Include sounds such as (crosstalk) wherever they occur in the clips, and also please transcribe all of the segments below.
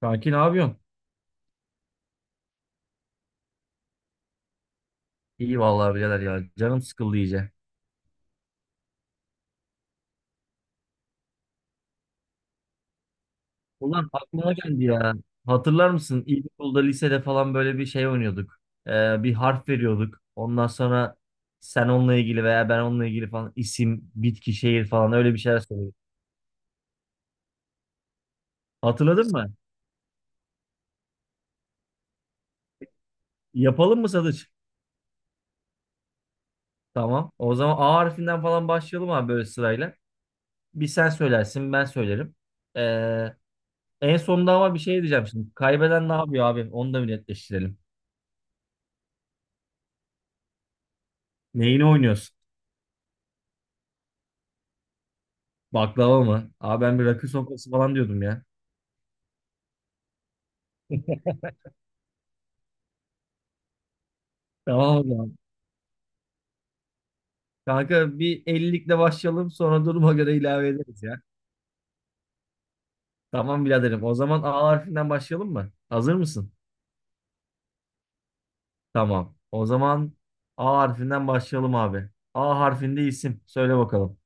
Kanki ne yapıyorsun? İyi vallahi birader ya. Canım sıkıldı iyice. Ulan aklıma geldi ya. Hatırlar mısın? İlkokulda, lisede falan böyle bir şey oynuyorduk. Bir harf veriyorduk. Ondan sonra sen onunla ilgili veya ben onunla ilgili falan isim, bitki, şehir falan öyle bir şeyler söylüyorduk. Hatırladın mı? Yapalım mı Sadıç? Tamam. O zaman A harfinden falan başlayalım abi böyle sırayla. Bir sen söylersin, ben söylerim. Ee, en sonunda ama bir şey diyeceğim şimdi. Kaybeden ne yapıyor abi? Onu da bir netleştirelim. Neyini oynuyorsun? Baklava mı? Abi ben bir rakı sofrası falan diyordum ya. Tamam o zaman. Kanka bir 50'likle başlayalım sonra duruma göre ilave ederiz ya. Tamam biraderim. O zaman A harfinden başlayalım mı? Hazır mısın? Tamam. O zaman A harfinden başlayalım abi. A harfinde isim. Söyle bakalım.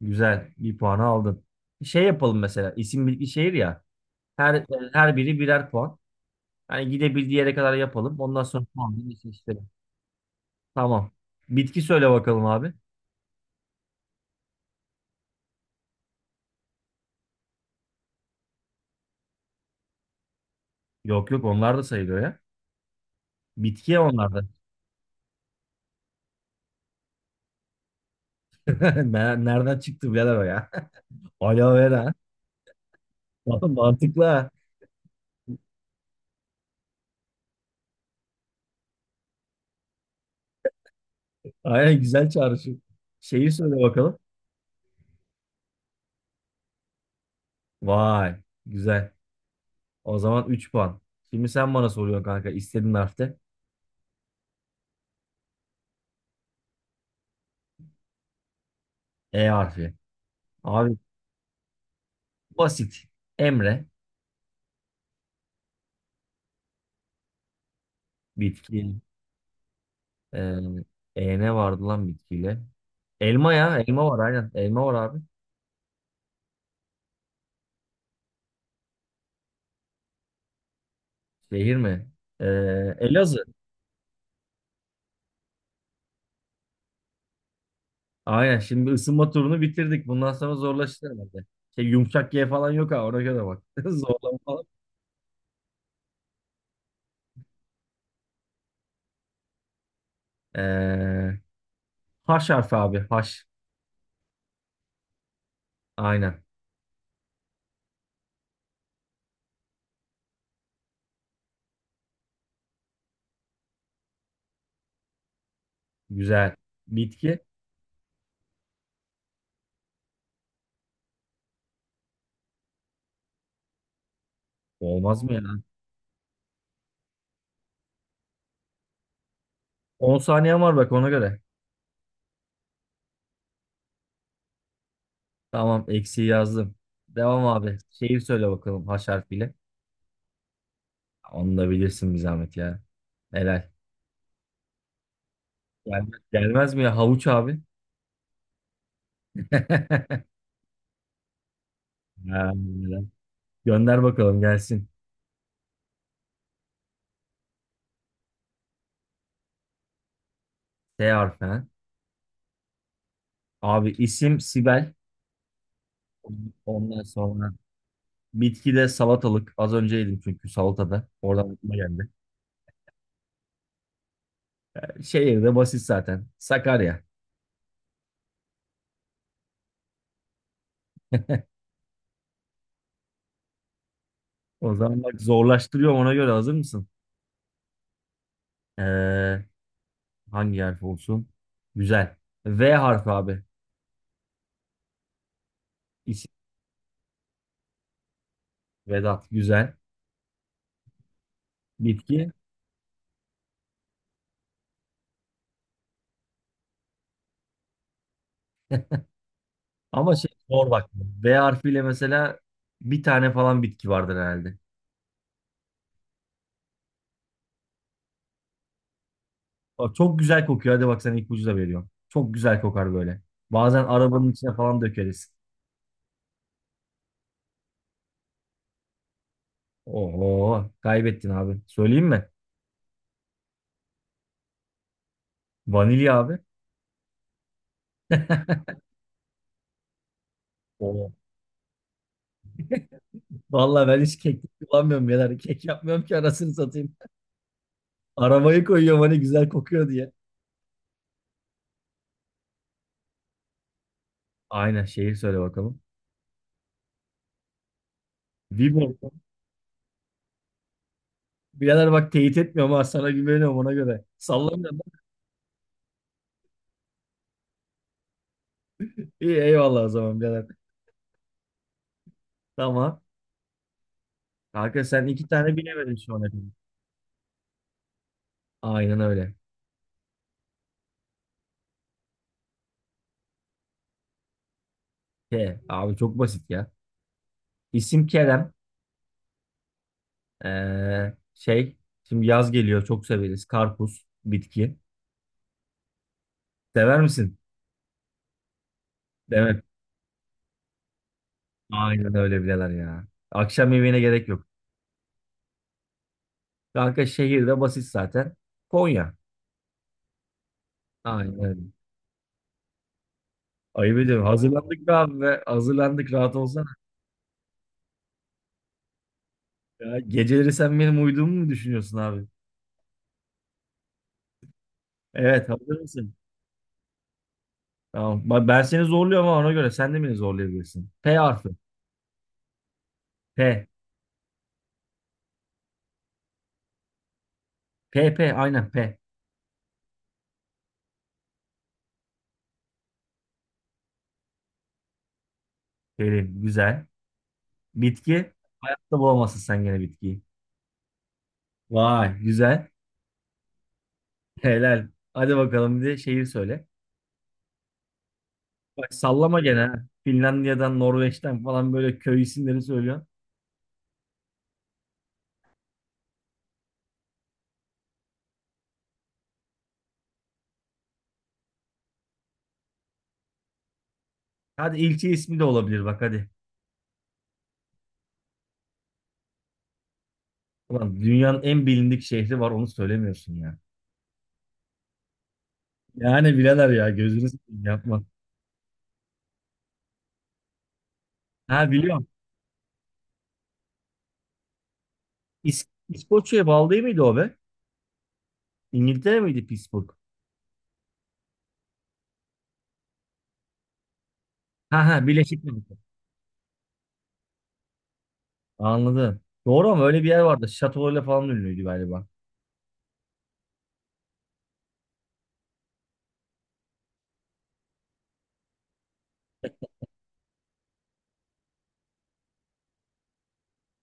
Güzel. Bir puanı aldın. Şey yapalım mesela. İsim bilgi şehir ya. Her her biri birer puan. Yani gidebildiği yere kadar yapalım. Ondan sonra puanları eşleştirelim. Tamam. Bitki söyle bakalım abi. Yok yok onlar da sayılıyor ya. Bitki ya onlar da. (laughs) Nereden çıktı birader o ya? (laughs) Aloe vera. Vallahi mantıklı ha. Aynen güzel çağrışım. Şeyi söyle bakalım. Vay güzel. O zaman 3 puan. Şimdi sen bana soruyorsun kanka istediğin harfte. E harfi. Abi basit. Emre. Bitki. Ee, e ne vardı lan bitkiyle? Elma ya. Elma var aynen. Elma var abi. Şehir mi? Ee, Elazığ. Aynen şimdi ısınma turunu bitirdik. Bundan sonra zorlaşır herhalde. Şey yumuşak G falan yok ha ona göre bak. (laughs) Zorlama falan. Ee, H harfi abi, haş. Aynen. Güzel. Bitki. Olmaz mı ya? 10 saniyen var bak ona göre. Tamam eksiği yazdım. Devam abi. Şeyi söyle bakalım haş harfiyle. Onu da bilirsin bir zahmet ya. Helal. Gelmez mi ya havuç abi? (laughs) Ha, helal. Gönder bakalım gelsin. T harfi ha. Abi isim Sibel. Ondan sonra bitkide salatalık. Az önce yedim çünkü salatada. Oradan aklıma geldi. Şehir de basit zaten. Sakarya. O zaman bak zorlaştırıyorum ona göre, hazır mısın? Ee, hangi harf olsun? Güzel. V harfi abi. İsim Vedat. Güzel. Bitki. Ama şey zor bak. V harfiyle mesela bir tane falan bitki vardır herhalde. Bak, çok güzel kokuyor. Hadi bak sen ipucu da veriyorum. Çok güzel kokar böyle. Bazen arabanın içine falan dökeriz. Oo kaybettin abi. Söyleyeyim mi? Vanilya abi. Oo. Vallahi ben hiç kek kullanmıyorum birader. Kek yapmıyorum ki anasını satayım. Arabayı koyuyorum hani güzel kokuyor diye. Aynen, şeyi söyle bakalım. Viborg. Birader bak teyit etmiyorum ha, sana güveniyorum ona göre. Sallamıyorum. İyi eyvallah o zaman birader. Tamam. Kanka sen iki tane bilemedin şu ana kadar. Aynen öyle. K. Abi çok basit ya. İsim Kerem. Ee, şey. Şimdi yaz geliyor çok severiz. Karpuz. Bitki. Sever misin? Evet. Aynen öyle bileler ya. Akşam yemeğine gerek yok. Kanka şehirde basit zaten. Konya. Aynen öyle. Ayıp ediyorum. Hazırlandık be abi be. Hazırlandık rahat olsana. Ya, geceleri sen benim uyuduğumu mu düşünüyorsun abi? Evet, hazır mısın? Tamam. Bak ben seni zorluyorum ama ona göre sen de beni zorlayabilirsin. P harfi. P. P aynen P. Pelin güzel. Bitki. Hayatta bulamazsın sen gene bitkiyi. Vay güzel. Helal. Hadi bakalım bir de şehir söyle. Bak sallama gene ha. Finlandiya'dan, Norveç'ten falan böyle köy isimleri söylüyorsun. Hadi ilçe ismi de olabilir bak hadi. Ulan dünyanın en bilindik şehri var onu söylemiyorsun ya. Yani birader ya, gözünü seveyim yapma. Ha biliyorum. İskoçya'ya bağlı değil miydi o be? İngiltere miydi Pittsburgh? Ha ha, Birleşik Krallık. Anladım. Doğru, ama öyle bir yer vardı. Şatolarıyla falan ünlüydü galiba.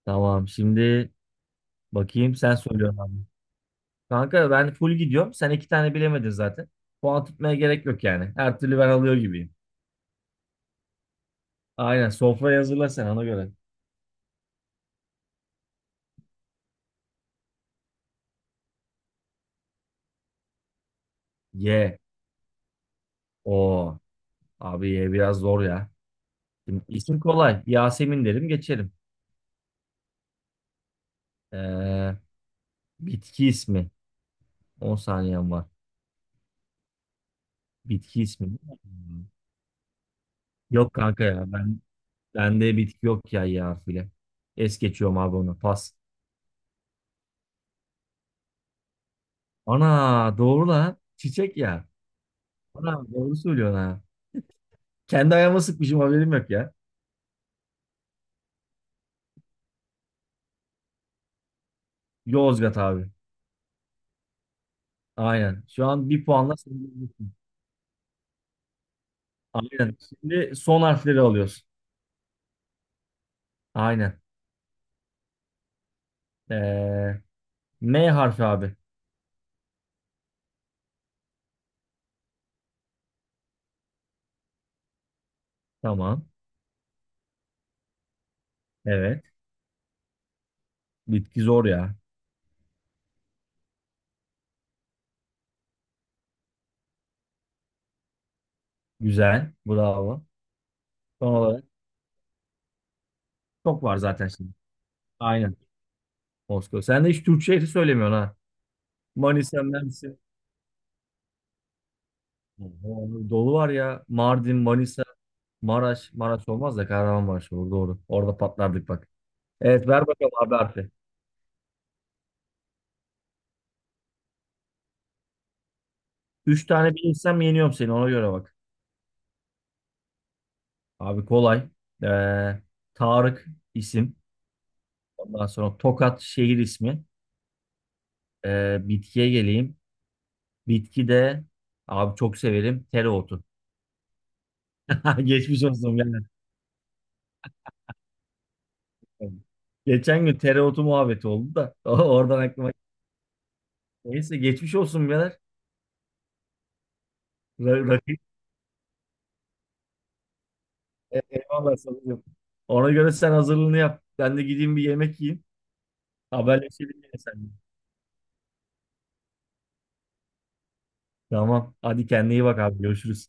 Tamam şimdi bakayım, sen söylüyorsun abi. Kanka ben full gidiyorum. Sen iki tane bilemedin zaten. Puan tutmaya gerek yok yani. Her türlü ben alıyor gibiyim. Aynen, sofrayı hazırla sen ona göre. Ye. O abi ye biraz zor ya. Şimdi isim kolay. Yasemin derim geçerim. Ee, bitki ismi. 10 saniyem var. Bitki ismi. Hmm. Yok kanka ya, bende bitki yok ya ya harfiyle. Es geçiyorum abi onu. Pas. Ana doğru lan. Çiçek ya. Ana doğru söylüyorsun ha. Kendi ayağıma sıkmışım haberim yok ya. Yozgat abi. Aynen. Şu an bir puanla sen. Aynen. Şimdi son harfleri alıyoruz. Aynen. Ee, M harfi abi. Tamam. Evet. Bitki zor ya. Güzel. Bravo. Son olarak çok var zaten şimdi. Aynen. Moskova. Sen de hiç Türk şehri söylemiyorsun ha. Manisa, Mersin. Oho, dolu var ya. Mardin, Manisa, Maraş. Maraş olmaz da Kahramanmaraş olur. Doğru. Orada patlardık bak. Evet ver bakalım abi harfi. Üç tane bilirsem yeniyorum seni. Ona göre bak. Abi kolay. Ee, Tarık isim. Ondan sonra Tokat şehir ismi. Bitkiye geleyim. Bitki de abi çok severim, tereotu. (laughs) Geçmiş olsun birader. Geçen gün tereotu muhabbeti oldu da (laughs) oradan aklıma geldi. Neyse geçmiş olsun birader. Rakip eyvallah sana diyorum. Ona göre sen hazırlığını yap. Ben de gideyim bir yemek yiyeyim. Haberleşelim yine seninle. Tamam. Hadi kendine iyi bak abi. Görüşürüz.